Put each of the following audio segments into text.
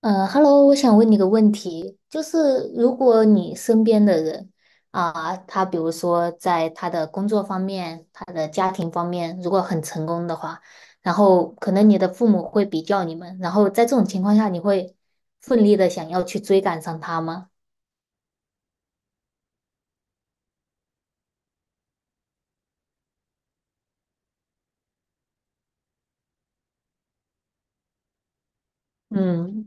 嗯 hello 我想问你个问题，就是如果你身边的人啊，他比如说在他的工作方面、他的家庭方面，如果很成功的话，然后可能你的父母会比较你们，然后在这种情况下，你会奋力的想要去追赶上他吗？嗯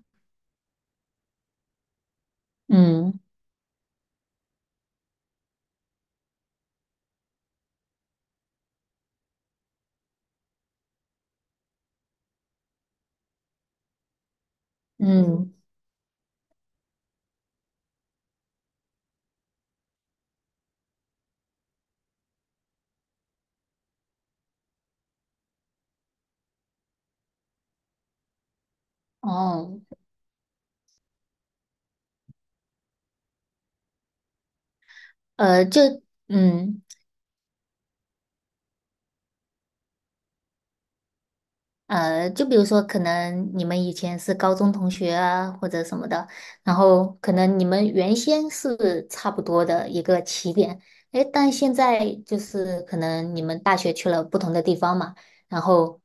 嗯嗯，哦，呃，就嗯。就比如说，可能你们以前是高中同学啊，或者什么的，然后可能你们原先是差不多的一个起点，诶，但现在就是可能你们大学去了不同的地方嘛，然后，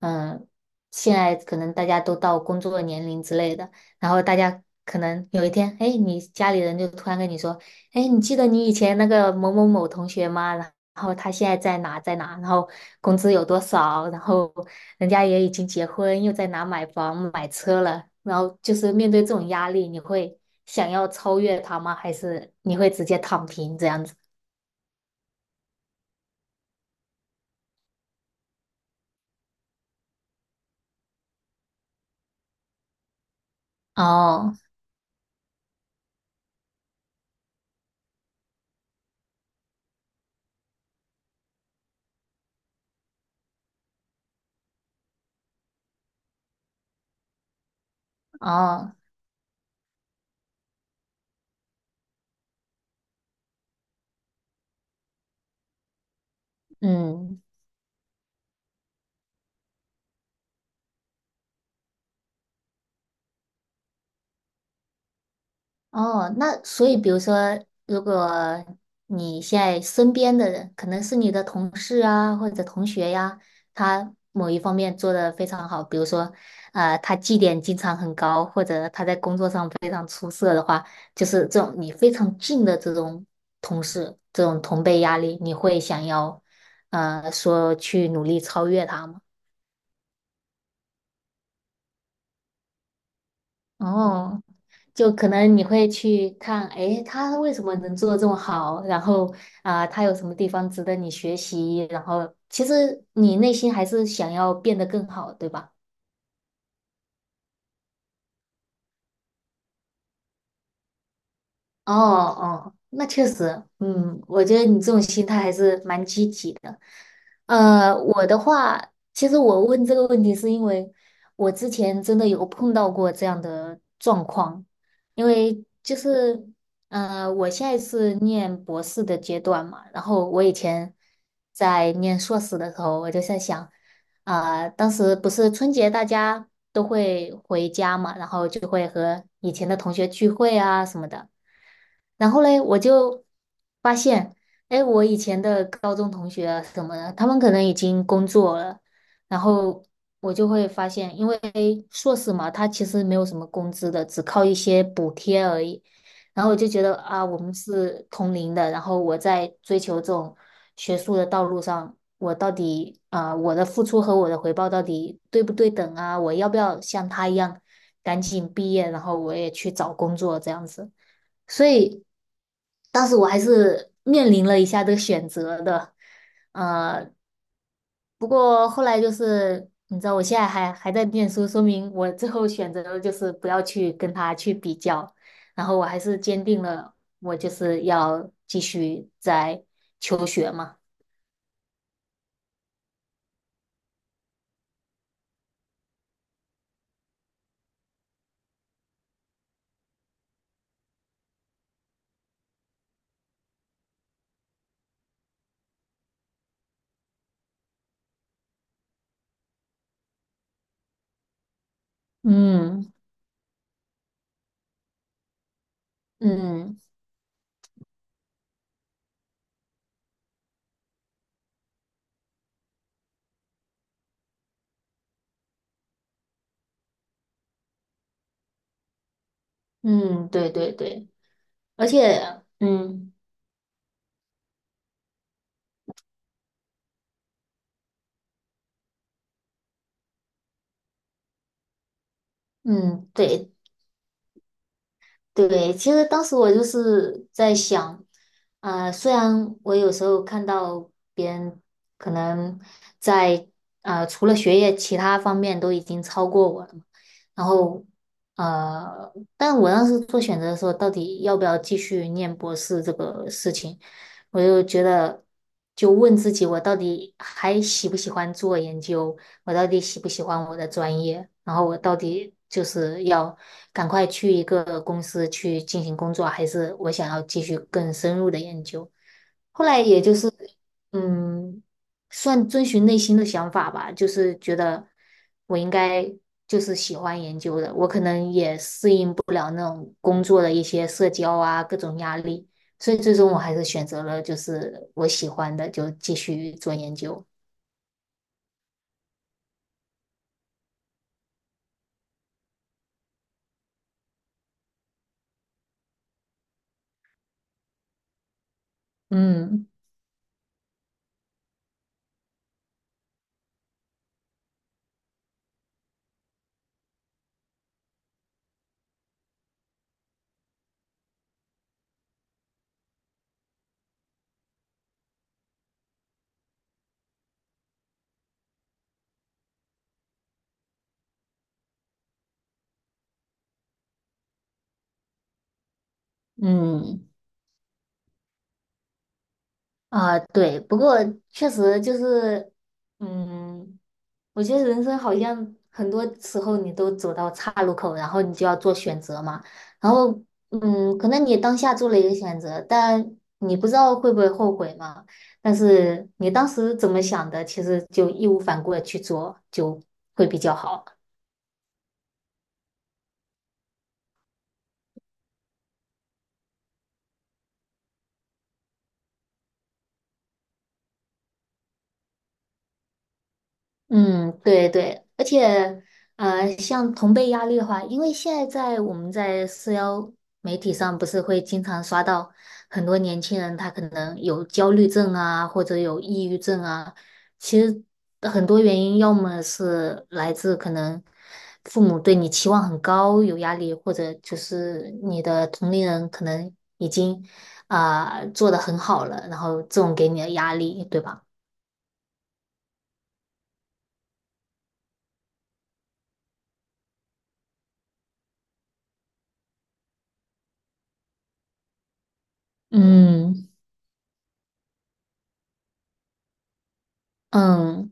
嗯、现在可能大家都到工作年龄之类的，然后大家可能有一天，诶，你家里人就突然跟你说，诶，你记得你以前那个某某某同学吗？然后他现在在哪在哪，然后工资有多少，然后。人家也已经结婚，又在哪买房买车了，然后就是面对这种压力，你会想要超越他吗？还是你会直接躺平这样子？哦哦，嗯。哦，那所以，比如说，如果你现在身边的人，可能是你的同事啊，或者同学呀，他某一方面做得非常好，比如说，他绩点经常很高，或者他在工作上非常出色的话，就是这种你非常近的这种同事，这种同辈压力，你会想要，说去努力超越他吗？哦，就可能你会去看，诶，他为什么能做的这么好？然后啊，他有什么地方值得你学习？然后其实你内心还是想要变得更好，对吧？哦哦，那确实，嗯，我觉得你这种心态还是蛮积极的。我的话，其实我问这个问题是因为我之前真的有碰到过这样的状况，因为就是，我现在是念博士的阶段嘛，然后我以前在念硕士的时候，我就在想，啊、当时不是春节大家都会回家嘛，然后就会和以前的同学聚会啊什么的。然后嘞，我就发现，哎，我以前的高中同学啊什么的，他们可能已经工作了，然后我就会发现，因为硕士嘛，他其实没有什么工资的，只靠一些补贴而已。然后我就觉得啊，我们是同龄的，然后我在追求这种学术的道路上，我到底啊、我的付出和我的回报到底对不对等啊？我要不要像他一样赶紧毕业，然后我也去找工作这样子？所以当时我还是面临了一下这个选择的，呃，不过后来就是你知道，我现在还在念书，说明我最后选择的就是不要去跟他去比较，然后我还是坚定了我就是要继续在求学嘛，嗯嗯嗯，对对对，而且嗯对，对，其实当时我就是在想，啊，虽然我有时候看到别人可能在啊，除了学业其他方面都已经超过我了嘛，然后但我当时做选择的时候，到底要不要继续念博士这个事情，我就觉得，就问自己，我到底还喜不喜欢做研究？我到底喜不喜欢我的专业？然后我到底就是要赶快去一个公司去进行工作，还是我想要继续更深入的研究？后来也就是，嗯，算遵循内心的想法吧，就是觉得我应该就是喜欢研究的，我可能也适应不了那种工作的一些社交啊，各种压力。所以最终我还是选择了就是我喜欢的，就继续做研究。嗯嗯啊，对，不过确实就是，嗯，我觉得人生好像很多时候你都走到岔路口，然后你就要做选择嘛。然后，嗯，可能你当下做了一个选择，但你不知道会不会后悔嘛。但是你当时怎么想的，其实就义无反顾的去做，就会比较好。嗯，对对，而且像同辈压力的话，因为现在在我们在社交媒体上，不是会经常刷到很多年轻人，他可能有焦虑症啊，或者有抑郁症啊。其实很多原因，要么是来自可能父母对你期望很高，有压力，或者就是你的同龄人可能已经啊、做得很好了，然后这种给你的压力，对吧？嗯嗯。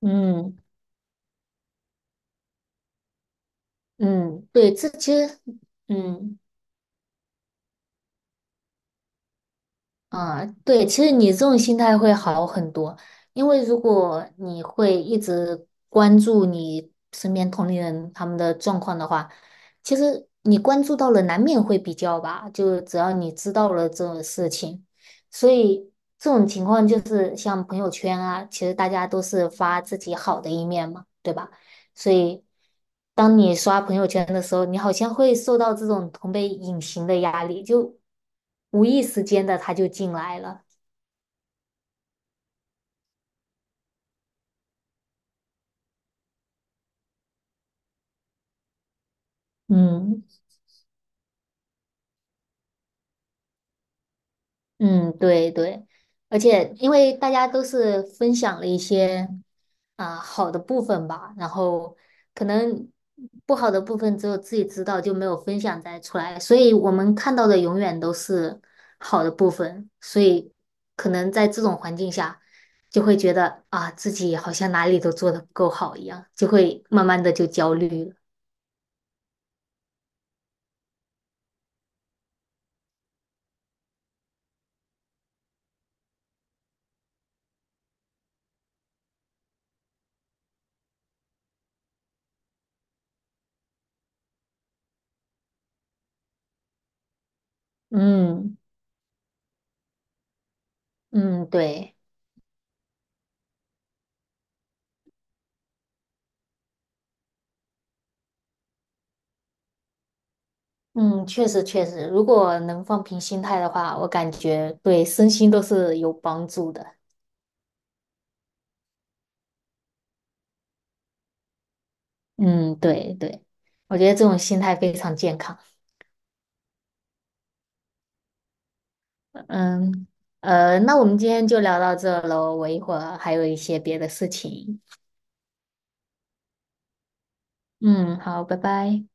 嗯嗯，对，这其实，嗯啊，对，其实你这种心态会好很多，因为如果你会一直关注你身边同龄人他们的状况的话，其实你关注到了，难免会比较吧。就只要你知道了这种事情，所以这种情况就是像朋友圈啊，其实大家都是发自己好的一面嘛，对吧？所以，当你刷朋友圈的时候，你好像会受到这种同辈隐形的压力，就无意识间的他就进来了。嗯嗯，对对，而且因为大家都是分享了一些。啊、好的部分吧，然后可能不好的部分只有自己知道，就没有分享在出来，所以我们看到的永远都是好的部分，所以可能在这种环境下，就会觉得啊自己好像哪里都做的不够好一样，就会慢慢的就焦虑了。嗯嗯，对，嗯，确实确实，如果能放平心态的话，我感觉对身心都是有帮助的。嗯，对对，我觉得这种心态非常健康。嗯，那我们今天就聊到这喽，我一会儿还有一些别的事情。嗯，好，拜拜。